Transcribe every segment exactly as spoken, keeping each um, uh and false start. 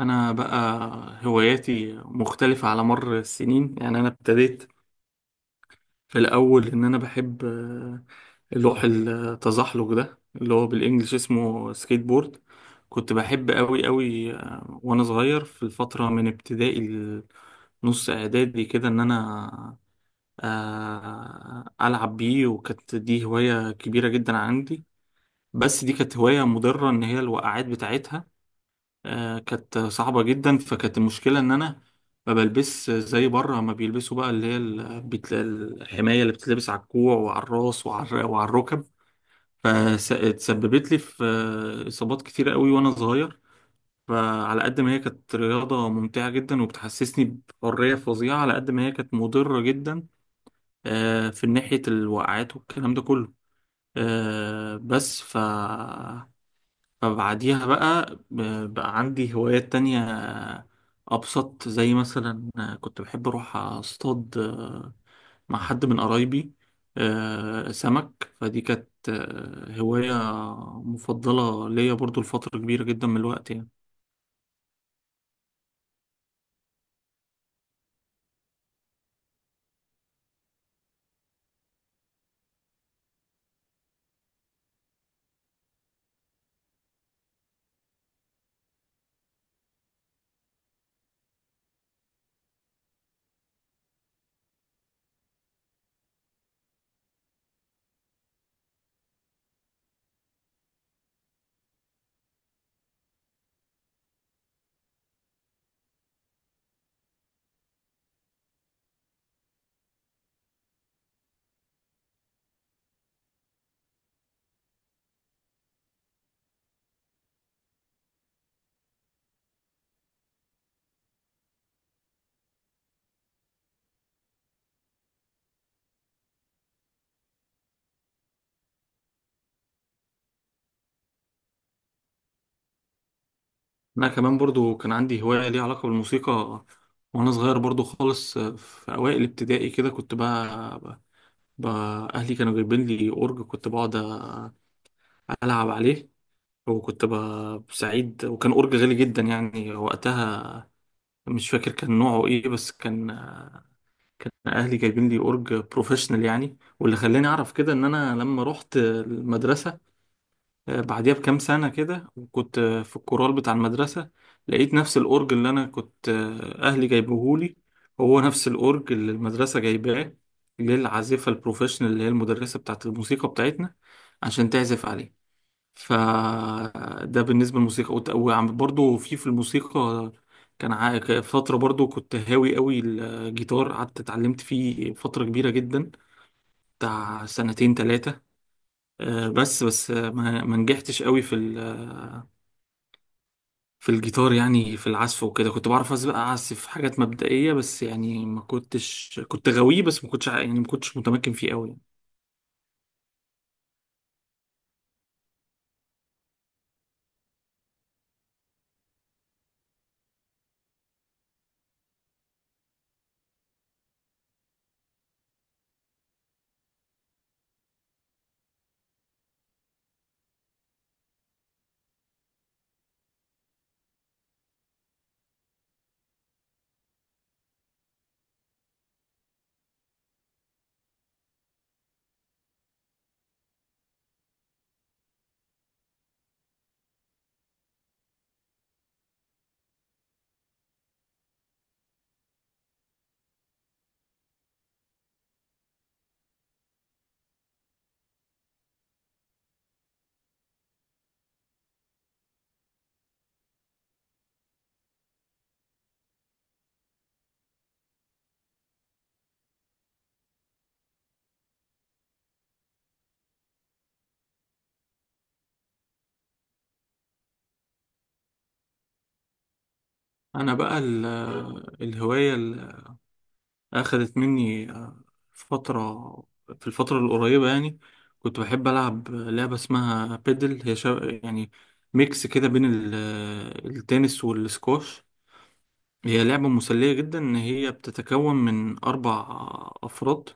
أنا بقى هواياتي مختلفة على مر السنين، يعني أنا ابتديت في الأول إن أنا بحب آه، لوح التزحلق ده اللي هو بالإنجلش اسمه سكيت بورد. كنت بحب أوي أوي آه، وأنا صغير في الفترة من ابتدائي لنص إعدادي كده، إن أنا آه، ألعب بيه، وكانت دي هواية كبيرة جدا عندي. بس دي كانت هواية مضرة، إن هي الوقعات بتاعتها آه، كانت صعبة جدا. فكانت المشكلة إن أنا ما بلبس زي بره ما بيلبسوا بقى، اللي هي ال- بت- الحماية اللي بتتلبس على الكوع وعلى الراس وعلى وعلى الركب. فتسببت لي في آه، إصابات كتيرة قوي وأنا صغير. فعلى قد ما هي كانت رياضة ممتعة جدا وبتحسسني بحرية فظيعة، على قد ما هي كانت مضرة جدا آه، في ناحية الوقعات والكلام ده كله. آه، بس ف فبعديها بقى ب- بقى عندي هوايات تانية أبسط، زي مثلا كنت بحب أروح أصطاد آه، مع حد من قرايبي آه، سمك. فدي كانت آه، هواية مفضلة ليا برضو لفترة كبيرة جدا من الوقت يعني. أنا كمان برضو كان عندي هواية ليها علاقة بالموسيقى وأنا صغير برضو خالص آه، في أوائل ابتدائي كده. كنت بقى, بقى أهلي كانوا جايبين لي أورج، كنت بقعد ألعب عليه، وكنت ب- سعيد، وكان أورج غالي جدا يعني وقتها. مش فاكر كان نوعه ايه، بس كان كان اهلي جايبين لي اورج بروفيشنال يعني. واللي خلاني اعرف كده ان انا لما رحت المدرسه آه، بعديها بكام سنه كده، وكنت آه، في الكورال بتاع المدرسه، لقيت نفس الاورج اللي انا كنت آه، اهلي جايبهولي، هو نفس الاورج اللي المدرسه جايباه للعازفه البروفيشنال اللي هي المدرسه بتاعت الموسيقى بتاعتنا، عشان تعزف عليه. فده بالنسبة للموسيقى، وت- وعم برضو في في الموسيقى كان ع- ك- فترة، برضو كنت هاوي قوي الجيتار، قعدت اتعلمت فيه فترة كبيرة جدا بتاع سنتين تلاتة. آه، بس بس آه، ما ما نجحتش قوي في ال- في الجيتار، يعني في العزف وكده. كنت بعرف أز- بقى اعزف حاجات مبدئية بس، يعني ما كنتش كنت غاويه، بس ما كنتش ع- يعني ما كنتش متمكن فيه قوي. انا بقى ال- الهواية أخدت مني آه، فترة، في الفترة القريبة يعني. كنت بحب ألعب لعبة اسمها بيدل، هي شا... يعني ميكس كده بين ال- التنس والسكواش. هي لعبة مسلية جدا، إن هي بتتكون من أربع أفراد،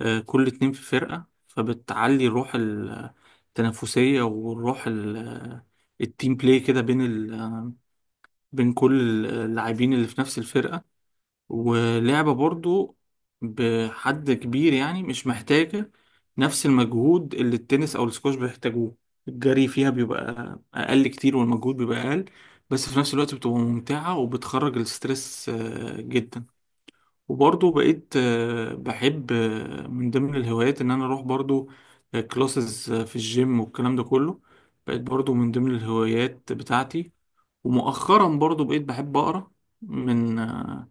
آه، كل اتنين في فرقة، فبتعلي الروح التنافسية والروح ال- التيم بلاي كده بين ال... بين كل اللاعبين اللي في نفس الفرقة. ولعبة برضو بحد كبير يعني مش محتاجة نفس المجهود اللي التنس أو السكواش بيحتاجوه. الجري فيها بيبقى أقل كتير، والمجهود بيبقى أقل، بس في نفس الوقت بتبقى ممتعة وبتخرج الستريس آه، جدا. وبرضو بقيت آه، بحب آه، من ضمن الهوايات إن أنا أروح برضو كلاسز في الجيم والكلام ده كله. بقيت برضو من ضمن الهوايات بتاعتي. ومؤخرا برضو بقيت بحب أقرأ، من آه،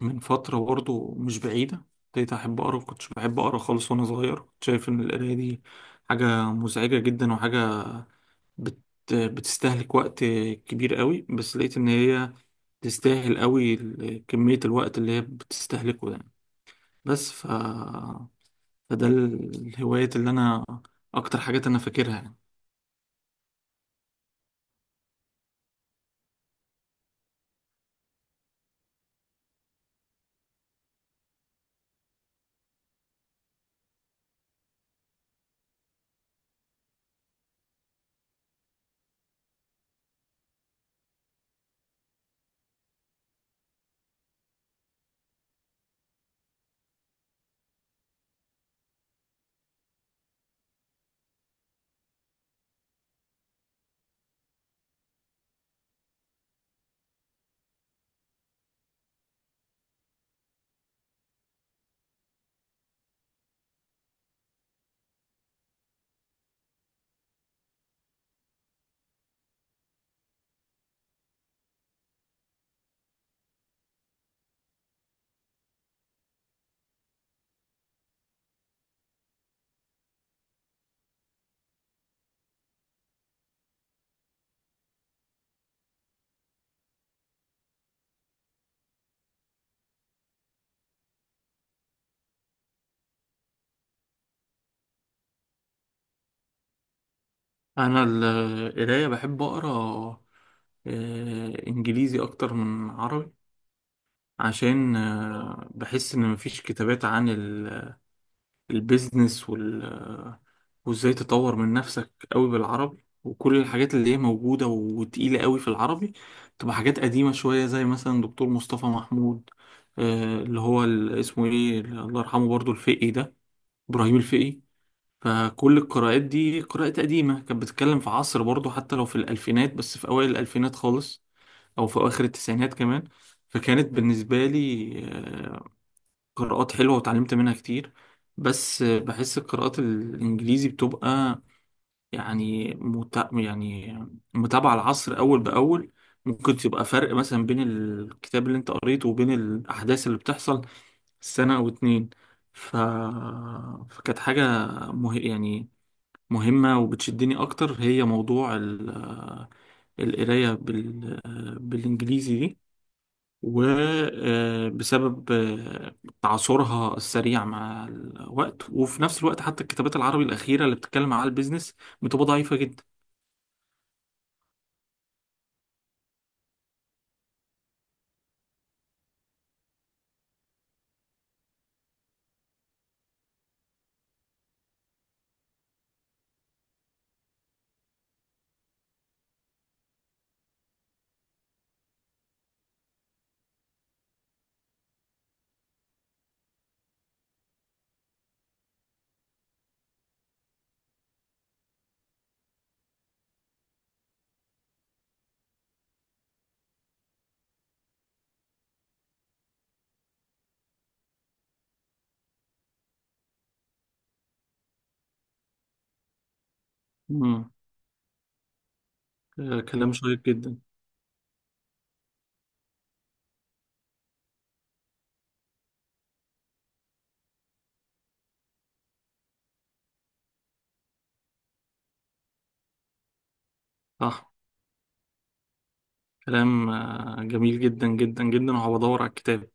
من فترة برضه مش بعيدة ابتديت أحب أقرأ. كنتش بحب أقرأ خالص وأنا صغير، كنت شايف إن القراية دي حاجة مزعجة جدا، وحاجة بت... بتستهلك وقت كبير قوي. بس لقيت إن هي تستاهل قوي ال- كمية الوقت اللي هي بتستهلكه ده. بس ف... فده ال- الهوايات اللي أنا أكتر حاجات أنا فاكرها يعني. أنا ال- القراية بحب أقرأ آه، إنجليزي أكتر من عربي، عشان آه، بحس ان مفيش كتابات عن ال- البيزنس وال آه، وازاي تطور من نفسك قوي بالعربي، وكل الحاجات اللي هي موجودة وتقيلة قوي في العربي تبقى حاجات قديمة شوية، زي مثلا دكتور مصطفى محمود آه، اللي هو ال- اسمه ايه، الله يرحمه، برضو الفقي ده، ابراهيم الفقي. فكل القراءات دي قراءات قديمة، كانت بتتكلم في عصر برضو، حتى لو في الألفينات، بس في أوائل الألفينات خالص، أو في أواخر التسعينات كمان. فكانت بالنسبة لي آه، قراءات حلوة وتعلمت منها كتير. بس بحس القراءات الإنجليزي بتبقى يعني مت... يعني متابعة العصر أول بأول، ممكن تبقى فرق مثلا بين الكتاب اللي أنت قريته وبين الأحداث اللي بتحصل سنة أو اتنين. ف... فكانت حاجة مه... يعني مهمة وبتشدني أكتر، هي موضوع ال... القراية بال... بالإنجليزي دي، وبسبب تعاصرها السريع مع الوقت. وفي نفس الوقت حتى الكتابات العربي الأخيرة اللي بتتكلم على البيزنس بتبقى ضعيفة جدا. مم. آه، كلام شيق جدا. صح. كلام آه، جميل جدا جدا جدا، وهبدور على الكتاب.